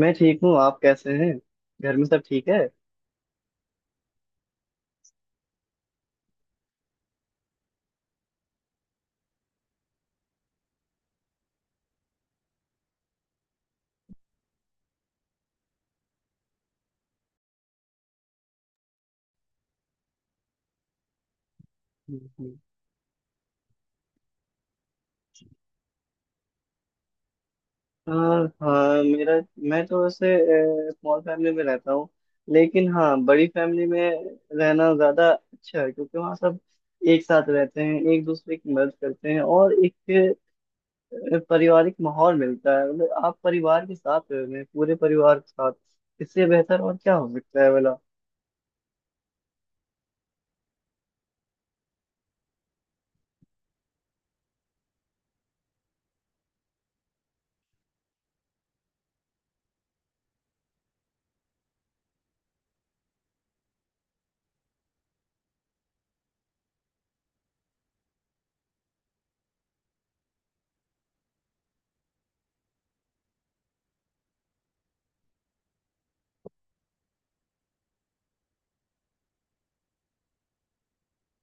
मैं ठीक हूँ। आप कैसे हैं? घर में सब ठीक है। हम्म। हाँ, हाँ, मेरा मैं तो वैसे स्मॉल फैमिली में रहता हूँ। लेकिन हाँ, बड़ी फैमिली में रहना ज़्यादा अच्छा है, क्योंकि वहाँ सब एक साथ रहते हैं, एक दूसरे की मदद करते हैं, और एक पारिवारिक माहौल मिलता है। मतलब आप परिवार के साथ रह रहे हैं, पूरे परिवार के साथ। इससे बेहतर और क्या हो सकता है भला।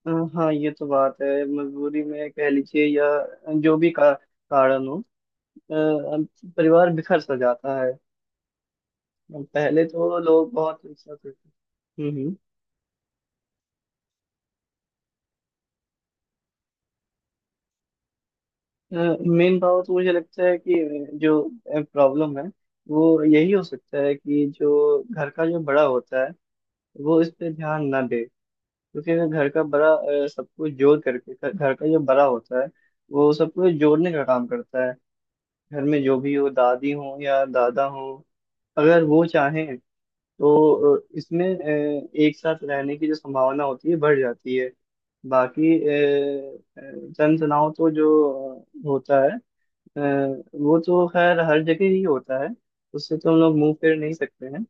हाँ, ये तो बात है। मजबूरी में कह लीजिए या जो भी कारण हो। अब परिवार बिखर सा जाता है। अब पहले तो लोग बहुत अच्छा करते थे। हम्म। मेन पावर तो मुझे लगता है कि जो प्रॉब्लम है वो यही हो सकता है कि जो घर का जो बड़ा होता है, वो इस पे ध्यान ना दे। क्योंकि अगर घर का बड़ा सब कुछ जोड़ करके, घर घर का जो बड़ा होता है वो सब कुछ जोड़ने का काम करता है। घर में जो भी हो, दादी हो या दादा हो, अगर वो चाहें तो इसमें एक साथ रहने की जो संभावना होती है बढ़ जाती है। बाकी अ, जन तनाव तो जो होता है, अ, वो तो खैर हर जगह ही होता है। उससे तो हम लोग मुंह फेर नहीं सकते हैं।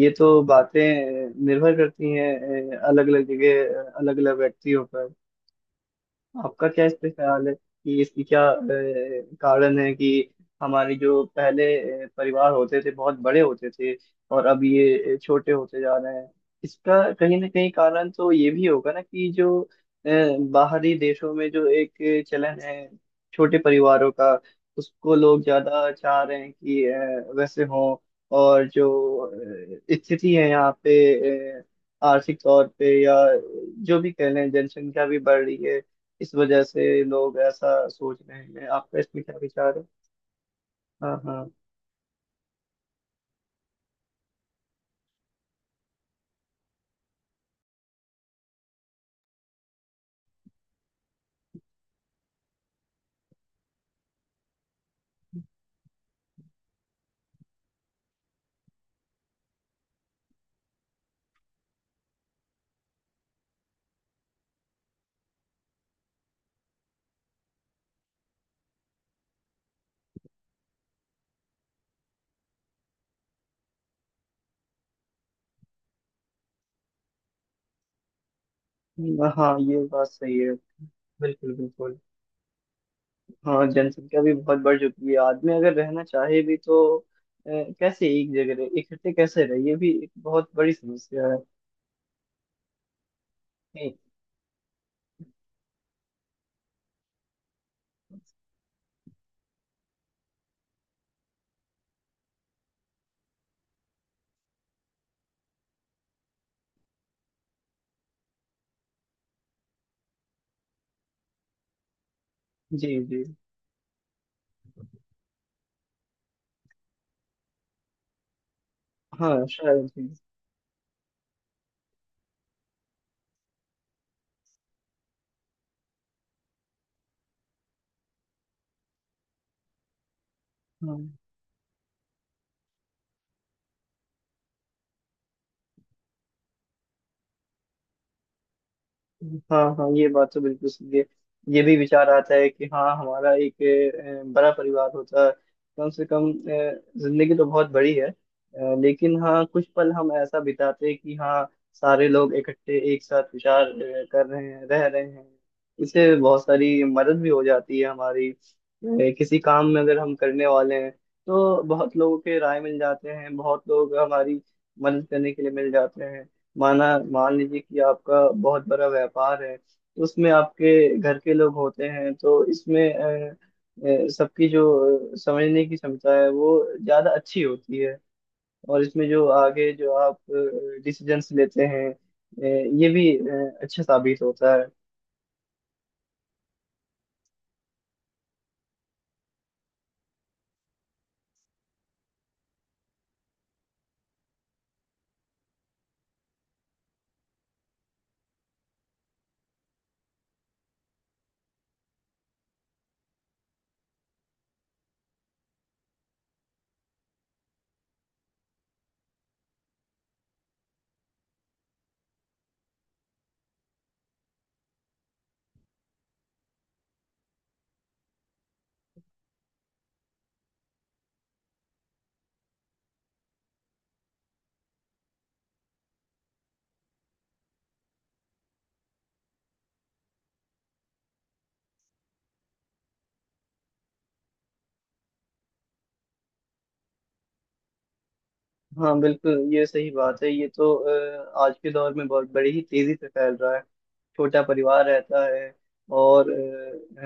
ये तो बातें निर्भर करती हैं, अलग अलग जगह, अलग अलग व्यक्तियों पर। आपका क्या इस पे ख्याल है कि इसकी क्या कारण है कि हमारे जो पहले परिवार होते थे बहुत बड़े होते थे, और अब ये छोटे होते जा रहे हैं? इसका कहीं ना कहीं कारण तो ये भी होगा ना कि जो बाहरी देशों में जो एक चलन है छोटे परिवारों का, उसको लोग ज्यादा चाह रहे हैं कि वैसे हो। और जो स्थिति है यहाँ पे, आर्थिक तौर पे या जो भी कह लें, जनसंख्या भी बढ़ रही है, इस वजह से लोग ऐसा सोच रहे हैं। आपका इसमें क्या विचार है? हाँ, हाँ। हाँ, ये बात सही है। बिल्कुल, बिल्कुल। हाँ, जनसंख्या भी बहुत बढ़ चुकी है। आदमी अगर रहना चाहे भी तो कैसे एक जगह रहे, इकट्ठे कैसे रहे, ये भी एक बहुत बड़ी समस्या है। नहीं। जी, जी। हाँ, शायद। जी। हाँ, हाँ, हाँ, ये बात तो बिल्कुल सही है। ये भी विचार आता है कि हाँ, हमारा एक बड़ा परिवार होता। कम से कम जिंदगी तो बहुत बड़ी है, लेकिन हाँ, कुछ पल हम ऐसा बिताते कि हाँ, सारे लोग इकट्ठे एक साथ विचार कर रहे हैं, रह रहे हैं। इससे बहुत सारी मदद भी हो जाती है हमारी। किसी काम में अगर हम करने वाले हैं तो बहुत लोगों के राय मिल जाते हैं, बहुत लोग हमारी मदद करने के लिए मिल जाते हैं। मान लीजिए कि आपका बहुत बड़ा व्यापार है तो उसमें आपके घर के लोग होते हैं, तो इसमें सबकी जो समझने की क्षमता है वो ज़्यादा अच्छी होती है। और इसमें जो आगे जो आप डिसीजंस लेते हैं, ये भी अच्छा साबित होता है। हाँ, बिल्कुल, ये सही बात है। ये तो आज के दौर में बहुत बड़ी ही तेजी से फैल रहा है। छोटा परिवार रहता है, और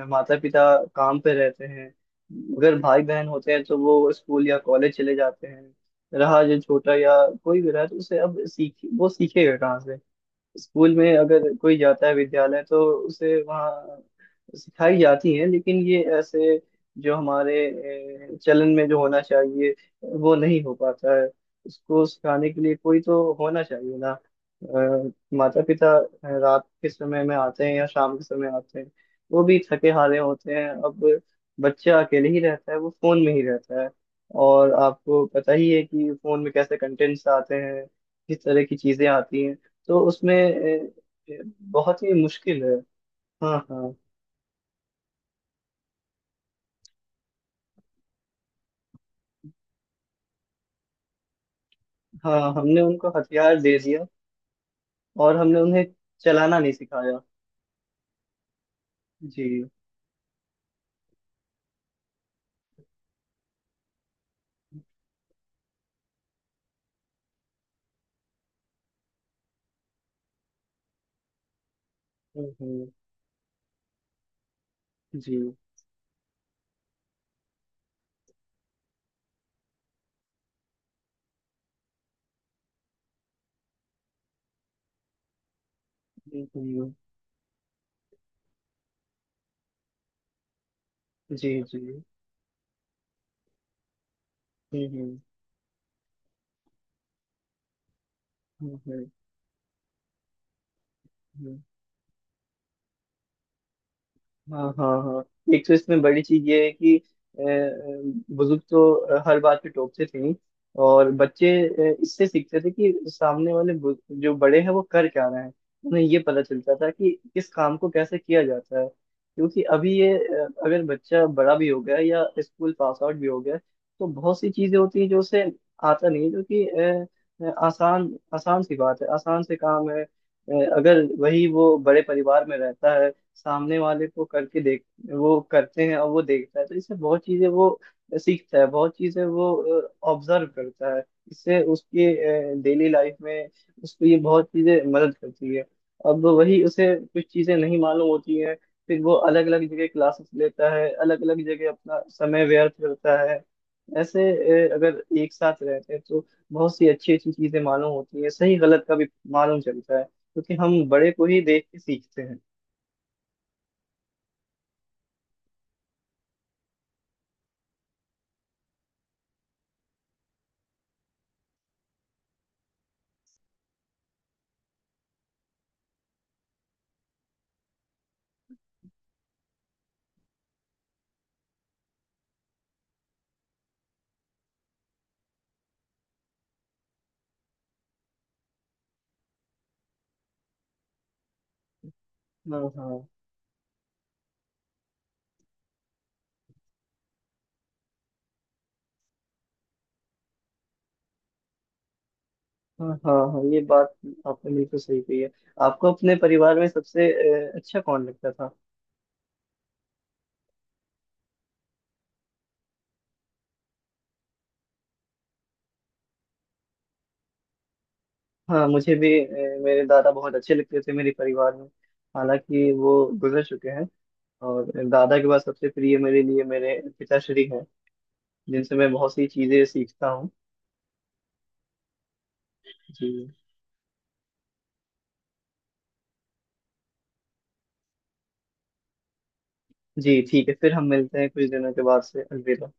माता पिता काम पे रहते हैं। अगर भाई बहन होते हैं तो वो स्कूल या कॉलेज चले जाते हैं। रहा जो छोटा या कोई भी रहा, तो उसे अब सीख वो सीखेगा कहाँ से? स्कूल में अगर कोई जाता है विद्यालय, तो उसे वहाँ सिखाई जाती है, लेकिन ये ऐसे जो हमारे चलन में जो होना चाहिए वो नहीं हो पाता है। उसको सिखाने के लिए कोई तो होना चाहिए ना? माता पिता रात के समय में आते हैं या शाम के समय आते हैं, वो भी थके हारे होते हैं। अब बच्चा अकेले ही रहता है, वो फोन में ही रहता है। और आपको पता ही है कि फोन में कैसे कंटेंट्स आते हैं, किस तरह की चीजें आती हैं। तो उसमें बहुत ही मुश्किल है। हाँ, हाँ। हाँ, हमने उनको हथियार दे दिया, और हमने उन्हें चलाना नहीं सिखाया। जी। हम्म, हम्म। जी। हम्म, हम्म। जी, जी। हम्म, हम्म। हम्म, हम्म। हाँ, हाँ, हाँ। एक तो इसमें बड़ी चीज ये है कि बुजुर्ग तो हर बात पे टोकते थे ही, और बच्चे इससे सीखते थे कि सामने वाले जो बड़े हैं वो कर क्या रहे हैं। उन्हें ये पता चलता था कि किस काम को कैसे किया जाता है। क्योंकि अभी ये अगर बच्चा बड़ा भी हो गया या स्कूल पास आउट भी हो गया, तो बहुत सी चीजें होती हैं जो उसे आता नहीं है, जो कि आसान आसान सी बात है, आसान से काम है। अगर वही वो बड़े परिवार में रहता है, सामने वाले को करके देख, वो करते हैं और वो देखता है, तो इससे बहुत चीजें वो सीखता है, बहुत चीजें वो ऑब्जर्व करता है। इससे उसके डेली लाइफ में उसको ये बहुत चीजें मदद करती है। अब वही उसे कुछ चीजें नहीं मालूम होती हैं, फिर वो अलग अलग जगह क्लासेस लेता है, अलग अलग जगह अपना समय व्यर्थ करता है। ऐसे, अगर एक साथ रहते हैं तो बहुत सी अच्छी अच्छी चीजें मालूम होती है, सही गलत का भी मालूम चलता है, क्योंकि हम बड़े को ही देख के सीखते हैं। हाँ, हाँ, हाँ, हाँ, हाँ, ये बात आपने बिल्कुल सही कही है। आपको अपने परिवार में सबसे अच्छा कौन लगता था? हाँ, मुझे भी मेरे दादा बहुत अच्छे लगते थे मेरे परिवार में। हालांकि वो गुजर चुके हैं। और दादा के बाद सबसे प्रिय मेरे लिए मेरे पिताश्री हैं, जिनसे मैं बहुत सी चीजें सीखता हूँ। जी। जी, ठीक है। फिर हम मिलते हैं कुछ दिनों के बाद से। अलविदा।